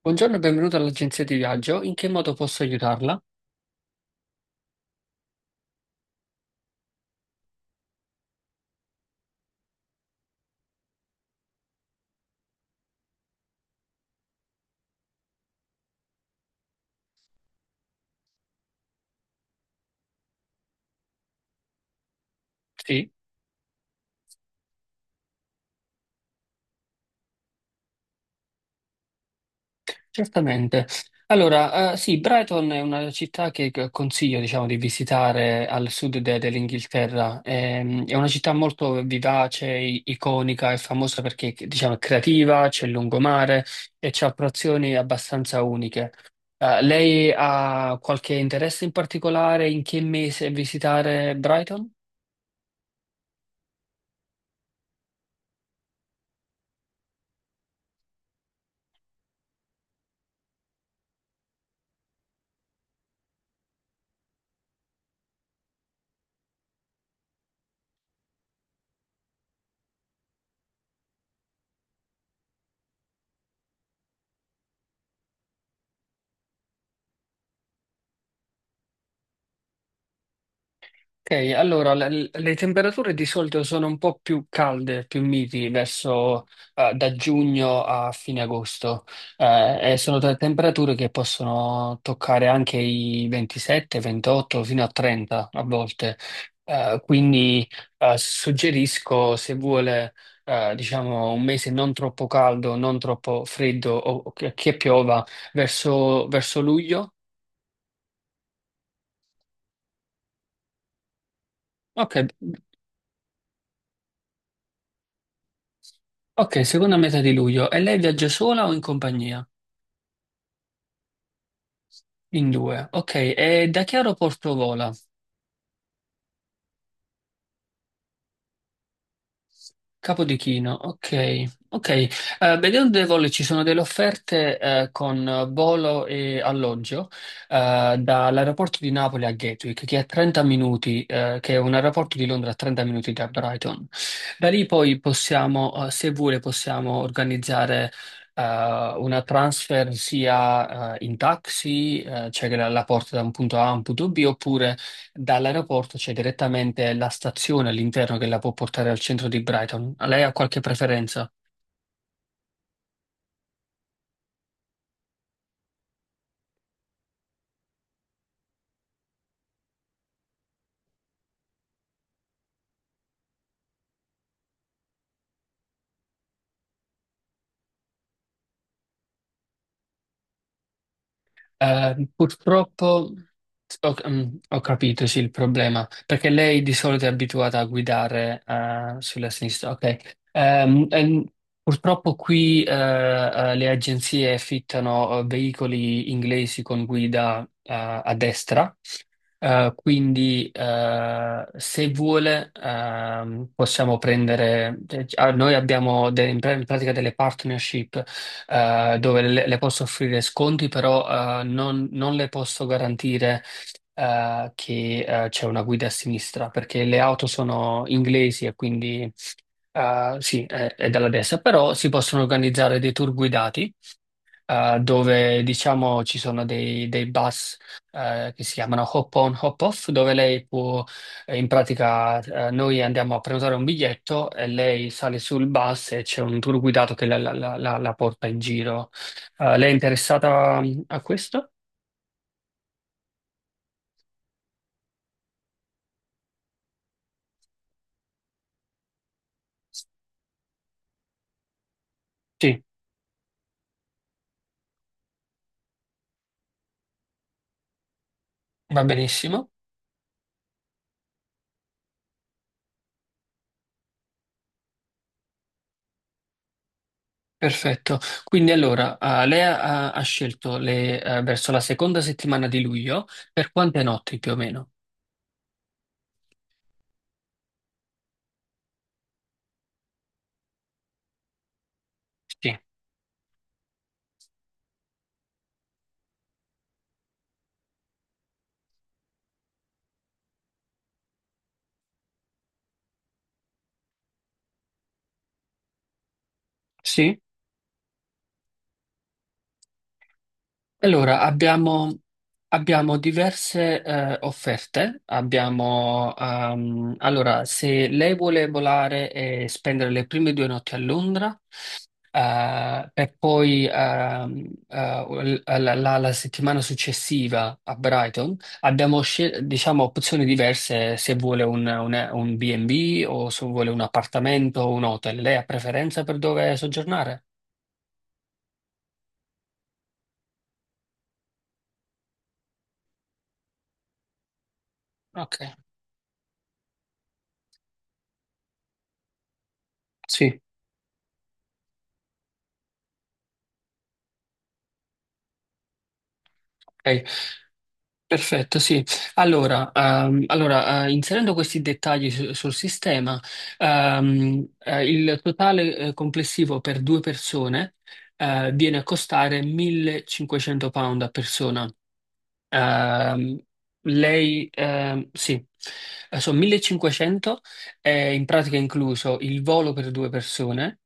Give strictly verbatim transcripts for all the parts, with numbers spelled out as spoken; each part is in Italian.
Buongiorno e benvenuto all'agenzia di viaggio. In che modo posso aiutarla? Sì, certamente. Allora, eh, sì, Brighton è una città che che consiglio, diciamo, di visitare al sud de- dell'Inghilterra. Ehm, È una città molto vivace, i- iconica, è famosa perché, diciamo, è creativa, c'è il lungomare e c'ha attrazioni abbastanza uniche. Eh, lei ha qualche interesse in particolare in che mese visitare Brighton? Ok, allora le, le temperature di solito sono un po' più calde, più miti verso eh, da giugno a fine agosto. Eh, e sono te- temperature che possono toccare anche i ventisette, ventotto fino a trenta a volte. Eh, quindi eh, Suggerisco, se vuole eh, diciamo, un mese non troppo caldo, non troppo freddo o o che, che piova verso verso luglio. Ok. Ok, seconda metà di luglio. E lei viaggia sola o in compagnia? In due. Ok, e da che aeroporto vola? Capo di Chino, ok. Ok. Eh, vedendo dei voli, ci sono delle offerte eh, con volo e alloggio eh, dall'aeroporto di Napoli a Gatwick, che è a trenta minuti, eh, che è un aeroporto di Londra a trenta minuti da Brighton. Da lì poi possiamo, eh, se vuole, possiamo organizzare eh, una transfer sia eh, in taxi, eh, cioè che la, la porta da un punto A a un punto B, oppure dall'aeroporto c'è direttamente la stazione all'interno che la può portare al centro di Brighton. Lei ha qualche preferenza? Eh, purtroppo ho, mm, ho capito, sì, il problema, perché lei di solito è abituata a guidare eh, sulla sinistra, ok. Ehm, ehm, purtroppo qui eh, eh, le agenzie affittano eh, veicoli inglesi con guida eh, a destra. Eh, quindi, eh, se vuole, ehm, possiamo prendere. Cioè, ah, noi abbiamo de- in pra- in pratica delle partnership, eh, dove le, le posso offrire sconti, però, eh, non, non le posso garantire, eh, che, eh, c'è una guida a sinistra, perché le auto sono inglesi e quindi, eh, sì, è, è dalla destra, però si possono organizzare dei tour guidati eh, dove diciamo ci sono dei, dei bus eh, che si chiamano hop on, hop off, dove lei può, eh, in pratica, eh, noi andiamo a prenotare un biglietto e lei sale sul bus e c'è un tour guidato che la, la- la- la- la porta in giro. Eh, lei è interessata, mm, a questo? Sì, va benissimo. Perfetto, quindi allora eh, lei ha, ha scelto le, eh, verso la seconda settimana di luglio per quante notti più o meno? Sì. Sì? Allora, abbiamo, abbiamo diverse eh, offerte. Abbiamo, ehm, allora, se lei vuole volare e spendere le prime due notti a Londra, eh, e poi ehm, eh, la, la- la settimana successiva a Brighton, abbiamo scel- diciamo, opzioni diverse se vuole un, un, un B and B o se vuole un appartamento o un hotel. Lei ha preferenza per dove soggiornare? Ok, sì. Ok. Perfetto, sì. Allora, ehm, allora, eh, inserendo questi dettagli su- sul sistema, ehm, eh, il totale, eh, complessivo per due persone, eh, viene a costare millecinquecento pound a persona. Ehm, Lei, ehm, sì. Eh, sono millecinquecento, è in pratica incluso il volo per due persone,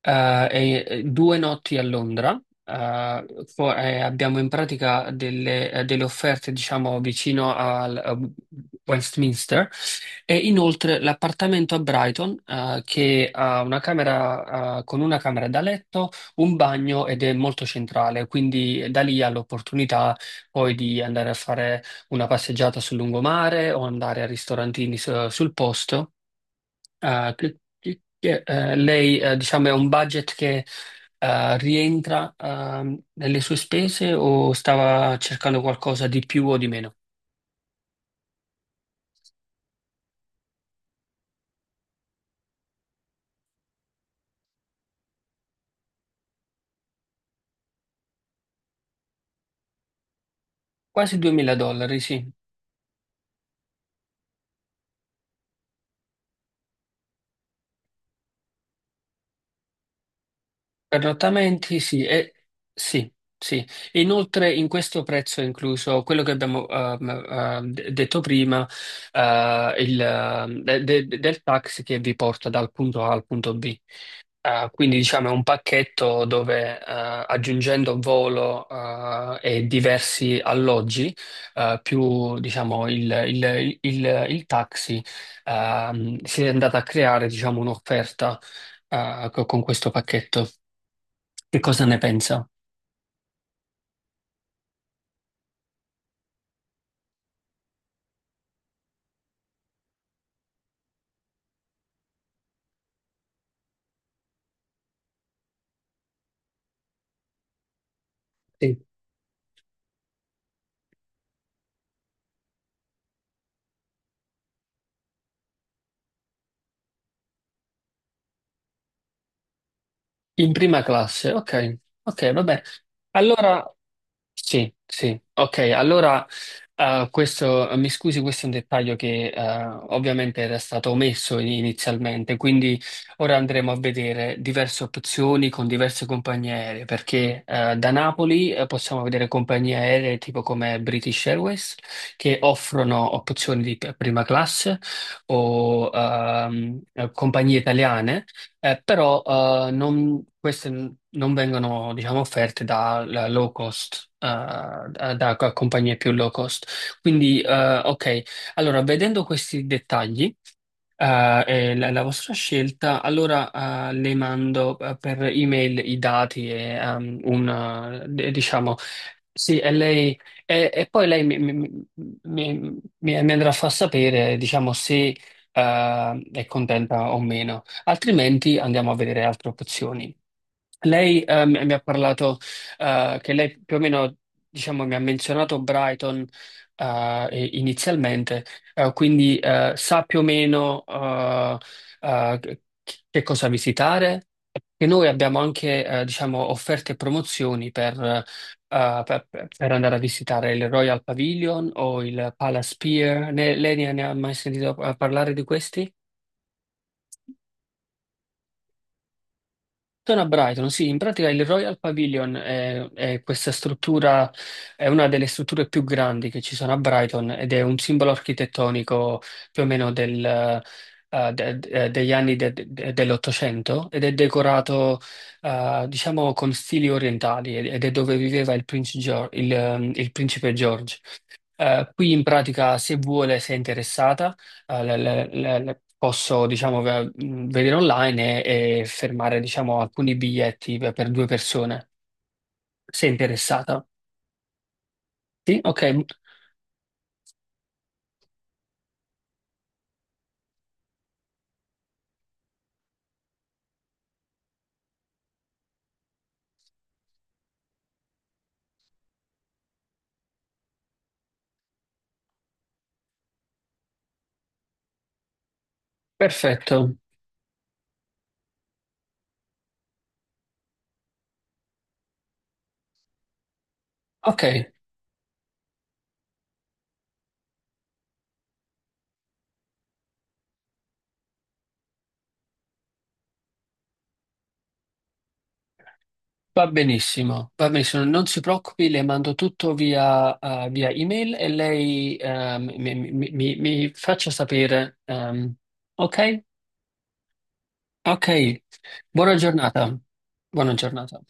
eh, e- eh, due notti a Londra, eh, fo- eh, abbiamo in pratica delle, eh, delle offerte, diciamo, vicino al a Westminster, e inoltre l'appartamento a Brighton, eh, che ha una camera, eh, con una camera da letto, un bagno, ed è molto centrale, quindi da lì ha l'opportunità poi di andare a fare una passeggiata sul lungomare o andare a ristorantini su- sul posto. Ah, che- che- che, eh, lei, eh, diciamo, è un budget che eh, rientra, ehm, nelle sue spese, o stava cercando qualcosa di più o di meno? Quasi 2000 dollari, sì. Pernottamenti, sì, e, sì, sì. E inoltre, in questo prezzo è incluso quello che abbiamo, ehm, ehm, de- detto prima, eh, il, ehm, de- de- del taxi che vi porta dal punto A al punto B. Eh, quindi diciamo è un pacchetto dove eh, aggiungendo volo eh, e diversi alloggi, eh, più diciamo il, il- il- il taxi, ehm, si è andata a creare, diciamo, un'offerta eh, co- con questo pacchetto. Che cosa ne pensa? Sì. In prima classe, ok, ok, vabbè. Allora, sì, sì, ok, allora eh, questo, mi scusi, questo è un dettaglio che, eh, ovviamente era stato omesso in- inizialmente, quindi ora andremo a vedere diverse opzioni con diverse compagnie aeree, perché eh, da Napoli eh, possiamo vedere compagnie aeree tipo come British Airways, che offrono opzioni di prima classe, o ehm, compagnie italiane. Eh, però eh, non- queste n- non vengono, diciamo, offerte da, da low cost, eh, da, da compagnie più low cost. Quindi, eh, ok, allora, vedendo questi dettagli, eh, è la, la vostra scelta, allora eh, le mando, eh, per email, i dati e ehm, un, eh, d- diciamo, sì, e lei, e, e poi lei mi, mi, mi- mi- mi andrà a far sapere, diciamo, se eh, è contenta o meno, altrimenti andiamo a vedere altre opzioni. Lei, eh, mi mi ha parlato, eh, che lei più o meno, diciamo, mi ha menzionato Brighton, eh, e- inizialmente, eh, quindi eh, sa più o meno eh, eh, che che cosa visitare. E noi abbiamo anche, eh, diciamo, offerte e promozioni per, eh, per- per andare a visitare il Royal Pavilion o il Palace Pier. Ne- lei ne ne ha mai sentito, eh, parlare di questi? Sono a Brighton, sì, in pratica il Royal Pavilion è, è questa struttura, è una delle strutture più grandi che ci sono a Brighton ed è un simbolo architettonico più o meno del, eh, de- de- degli anni de- de- dell'Ottocento, ed è decorato, eh, diciamo, con stili orientali, ed ed è dove viveva il, Prince Gio- il, ehm, il principe George. Eh, qui in pratica, se vuole, se è interessata, eh, le- le- le- le posso, diciamo, ve- mh, vedere online e, e fermare, diciamo, alcuni biglietti per per due persone. Se è interessata. Sì? Ok, perfetto. Ok, va benissimo, va benissimo. Non si preoccupi, le mando tutto via, eh, via email, e lei, eh, mi, mi- mi- mi faccia sapere. Ehm, ok? Ok, buona giornata. Buona giornata.